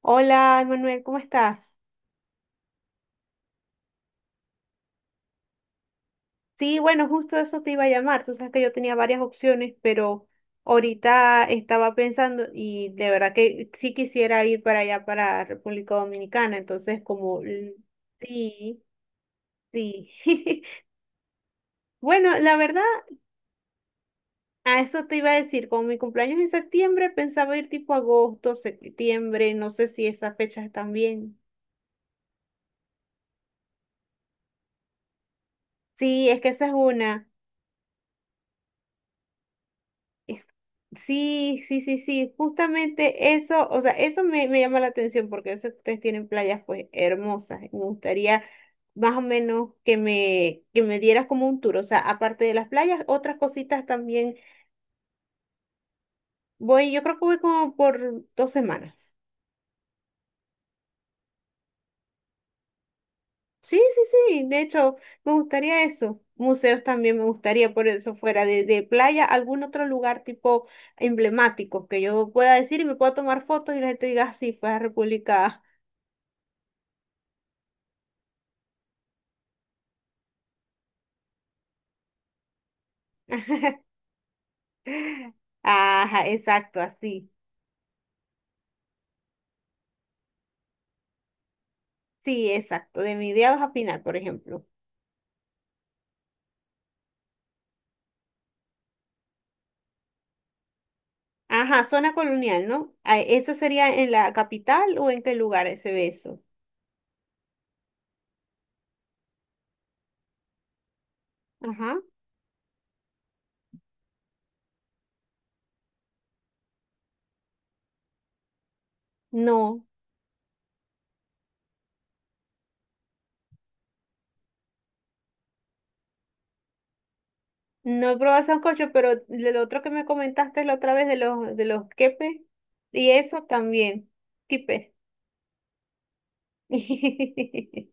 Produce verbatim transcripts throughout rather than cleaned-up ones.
Hola, Manuel, ¿cómo estás? Sí, bueno, justo eso te iba a llamar. Tú sabes que yo tenía varias opciones, pero ahorita estaba pensando y de verdad que sí quisiera ir para allá, para República Dominicana. Entonces, como l- sí, sí. Bueno, la verdad, a eso te iba a decir. Como mi cumpleaños es en septiembre, pensaba ir tipo agosto, septiembre. No sé si esas fechas están bien. Sí, es que esa es una. Eh, Sí, sí, sí, sí, justamente eso, o sea, eso me, me llama la atención porque yo sé que ustedes tienen playas pues hermosas y me gustaría más o menos que me, que me dieras como un tour, o sea, aparte de las playas, otras cositas también. Voy, yo creo que voy como por dos semanas. Sí, sí, sí, de hecho, me gustaría eso. Museos también me gustaría, por eso fuera de, de playa, algún otro lugar tipo emblemático que yo pueda decir y me pueda tomar fotos y la gente diga, "Ah, sí, fue a República". Ajá, exacto, así. Sí, exacto. De mediados a final, por ejemplo. Ajá, zona colonial, ¿no? Ah, ¿eso sería en la capital o en qué lugar se ve eso? Ajá. No, no he probado sancocho, pero el otro que me comentaste la otra vez de los de los quepes y eso también. Quipe.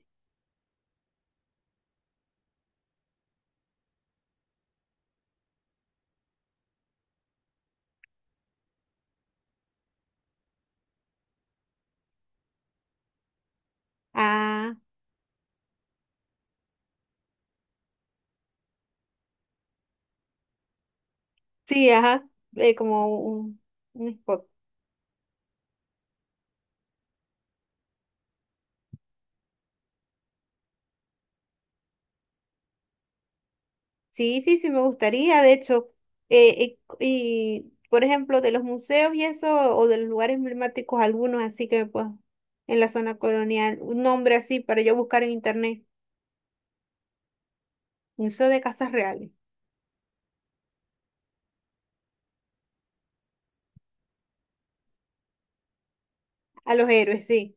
Ah, sí, ajá. eh, como un, un escote. Sí, sí, sí, me gustaría. De hecho, eh, y, y, por ejemplo, de los museos y eso, o de los lugares emblemáticos, algunos así que pues en la zona colonial, un nombre así para yo buscar en internet. Museo de Casas Reales, a los héroes, sí.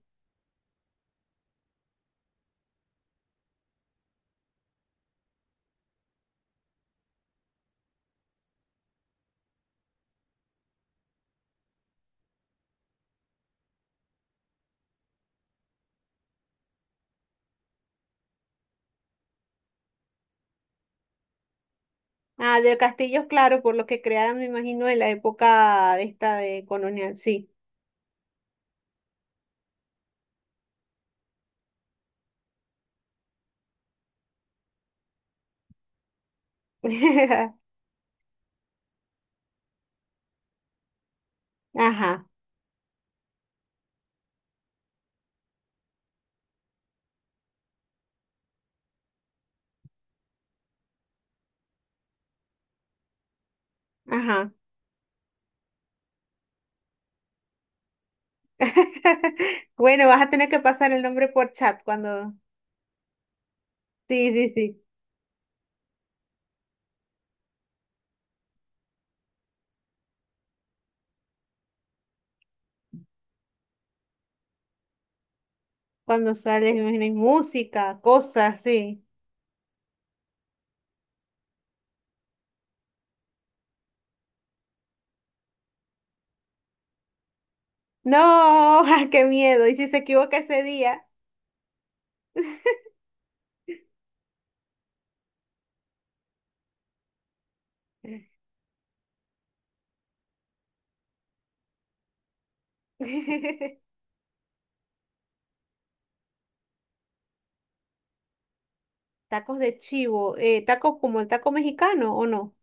Ah, de castillos, claro, por lo que crearon, me imagino, en la época de esta de colonial, sí. Ajá, ajá. Bueno, vas a tener que pasar el nombre por chat cuando... Sí, sí, sí. Cuando sales, me imagino, hay música, cosas así. No, qué miedo. Y si se equivoca ese día. Tacos de chivo, eh, tacos como el taco mexicano o no,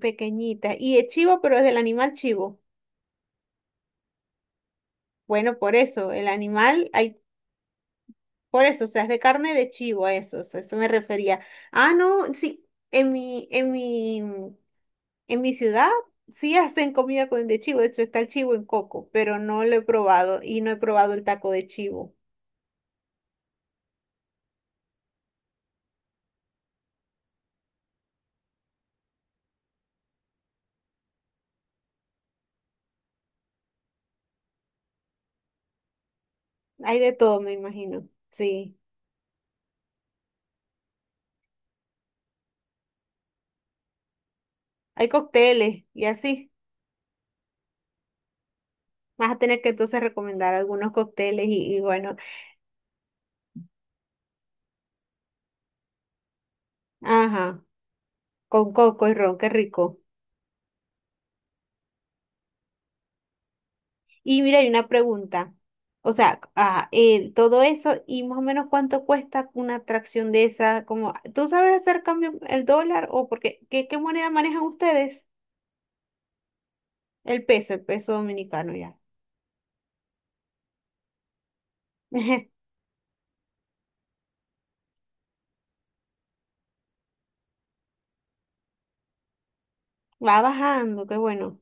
pequeñitas. Y el chivo, pero es del animal chivo. Bueno, por eso, el animal, hay, por eso, o sea, es de carne de chivo, a eso, o sea, eso me refería. Ah, no, sí, en mi, en mi, en mi ciudad sí hacen comida con de chivo, de hecho está el chivo en coco, pero no lo he probado y no he probado el taco de chivo. Hay de todo, me imagino. Sí, hay cócteles y así. Vas a tener que entonces recomendar algunos cócteles y, y bueno, ajá, con coco y ron, qué rico. Y mira, hay una pregunta. O sea, ah, eh, todo eso y más o menos cuánto cuesta una atracción de esa, como, ¿tú sabes hacer cambio el dólar o porque qué, qué moneda manejan ustedes? El peso, el peso dominicano ya. Va bajando, qué bueno,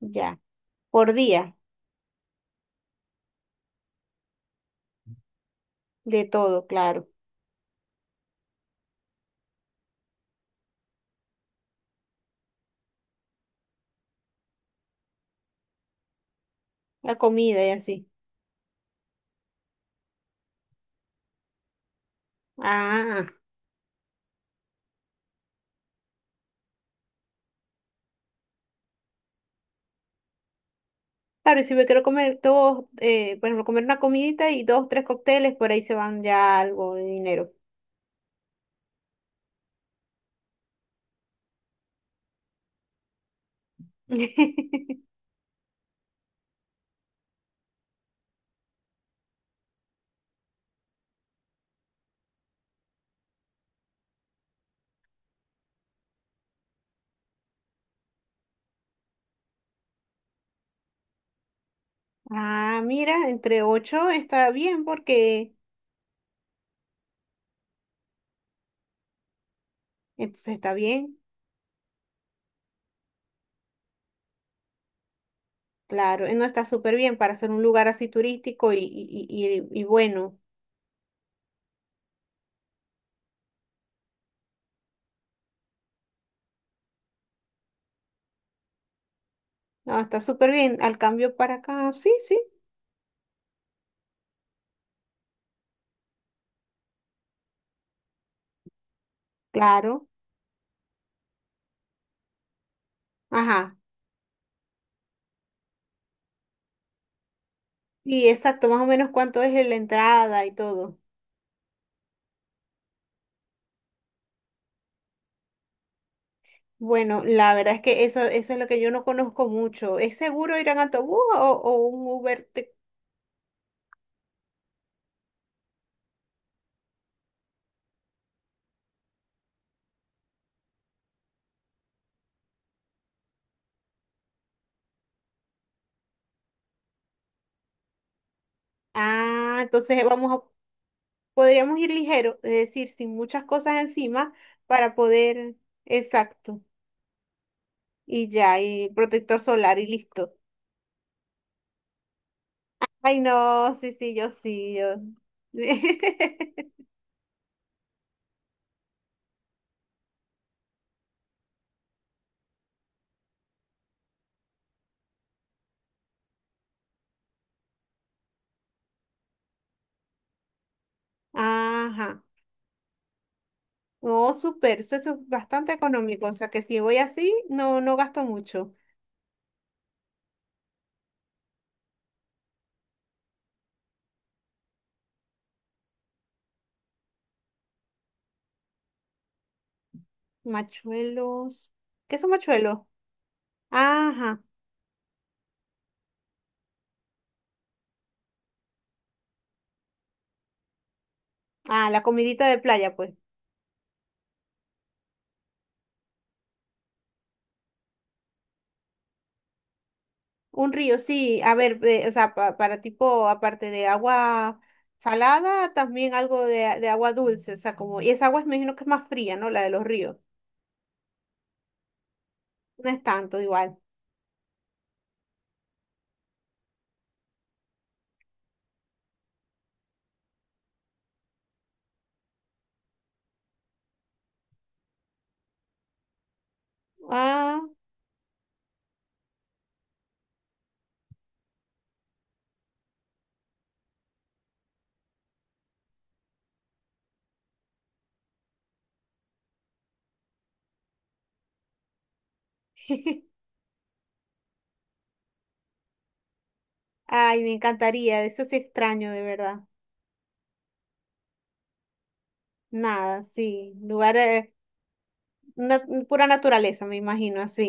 ya. Por día, de todo, claro. La comida y así. Ah, claro, y si me quiero comer dos, eh, por ejemplo, comer una comidita y dos, tres cócteles, por ahí se van ya algo de dinero. Ah, mira, entre ocho está bien porque entonces está bien, claro, eh, no está súper bien para ser un lugar así turístico y, y, y, y y bueno, no, está súper bien. Al cambio para acá, sí, sí, claro, ajá, y exacto, más o menos cuánto es la entrada y todo. Bueno, la verdad es que eso, eso es lo que yo no conozco mucho. ¿Es seguro ir en autobús o, o un Uber? te- Ah, entonces vamos a, podríamos ir ligero, es decir, sin muchas cosas encima para poder, exacto, y ya, y protector solar y listo. Ay, no, sí, sí, yo sí, yo. Ajá, no, súper, eso es bastante económico, o sea que si voy así, no, no gasto mucho. Machuelos, ¿qué son machuelos? Ajá. Ah, la comidita de playa, pues. Un río, sí. A ver, eh, o sea, pa- para tipo, aparte de agua salada, también algo de, de agua dulce. O sea, como, y esa agua me imagino que es más fría, ¿no? La de los ríos. No es tanto igual. Ah, ay, me encantaría. Eso sí extraño, de verdad. Nada, sí. Lugar, eh, na- pura naturaleza, me imagino, así.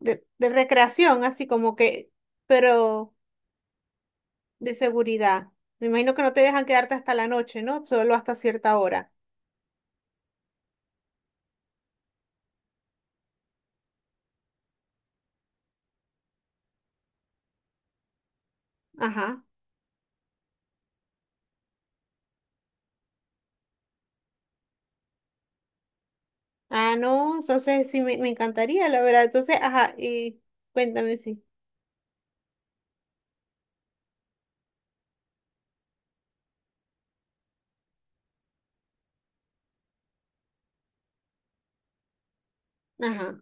De, de recreación, así como que, pero de seguridad. Me imagino que no te dejan quedarte hasta la noche, ¿no? Solo hasta cierta hora. Ajá. Ah, no, entonces sí, me, me encantaría, la verdad. Entonces, ajá, y cuéntame, sí. Ajá,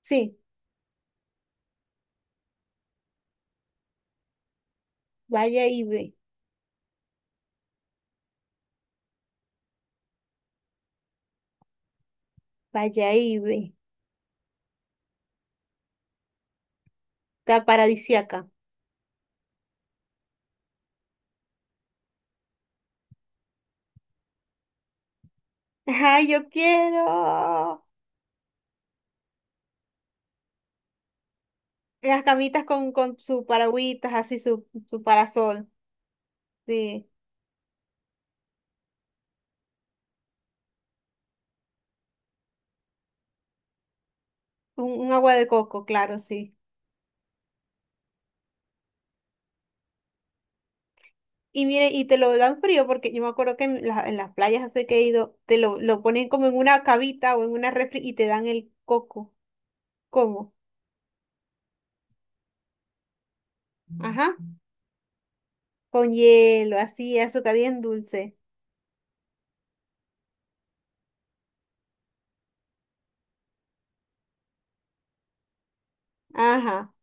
sí, vaya y ve, vaya y ve. Está paradisiaca. Ajá, yo quiero las camitas con, con sus paragüitas, así su, su parasol. Sí, un, un agua de coco, claro, sí. Y mire, y te lo dan frío, porque yo me acuerdo que en, la- en las playas hace que he ido, te lo, lo ponen como en una cavita o en una refri y te dan el coco. ¿Cómo? Ajá. Con hielo, así, azúcar bien dulce. Ajá,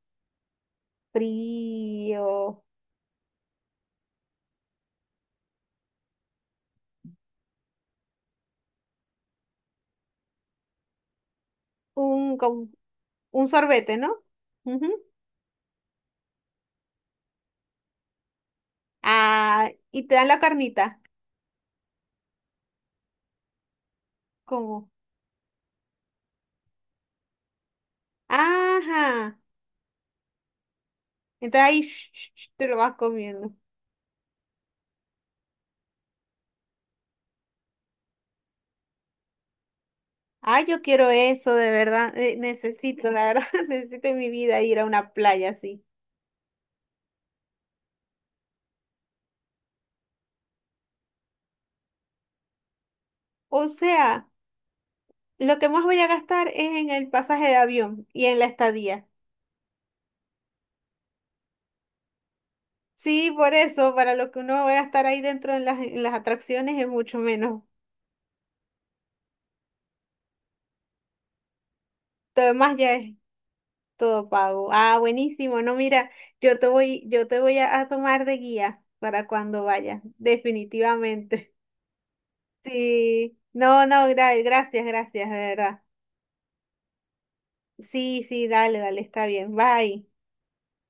frío. Un, con, un sorbete, ¿no? Ujú. Ah, y te dan la carnita. ¿Cómo? Ajá. Entonces ahí sh- sh- sh, te lo vas comiendo. Ay, yo quiero eso, de verdad. eh, necesito, la verdad, necesito en mi vida ir a una playa así. O sea, lo que más voy a gastar es en el pasaje de avión y en la estadía. Sí, por eso, para lo que uno vaya a estar ahí dentro en las, en las atracciones es mucho menos. Todo demás ya es todo pago. Ah, buenísimo. No, mira, yo te voy, yo te voy a, a tomar de guía para cuando vayas, definitivamente. Sí, no, no, gra- gracias, gracias, de verdad. Sí, sí, dale, dale, está bien. Bye.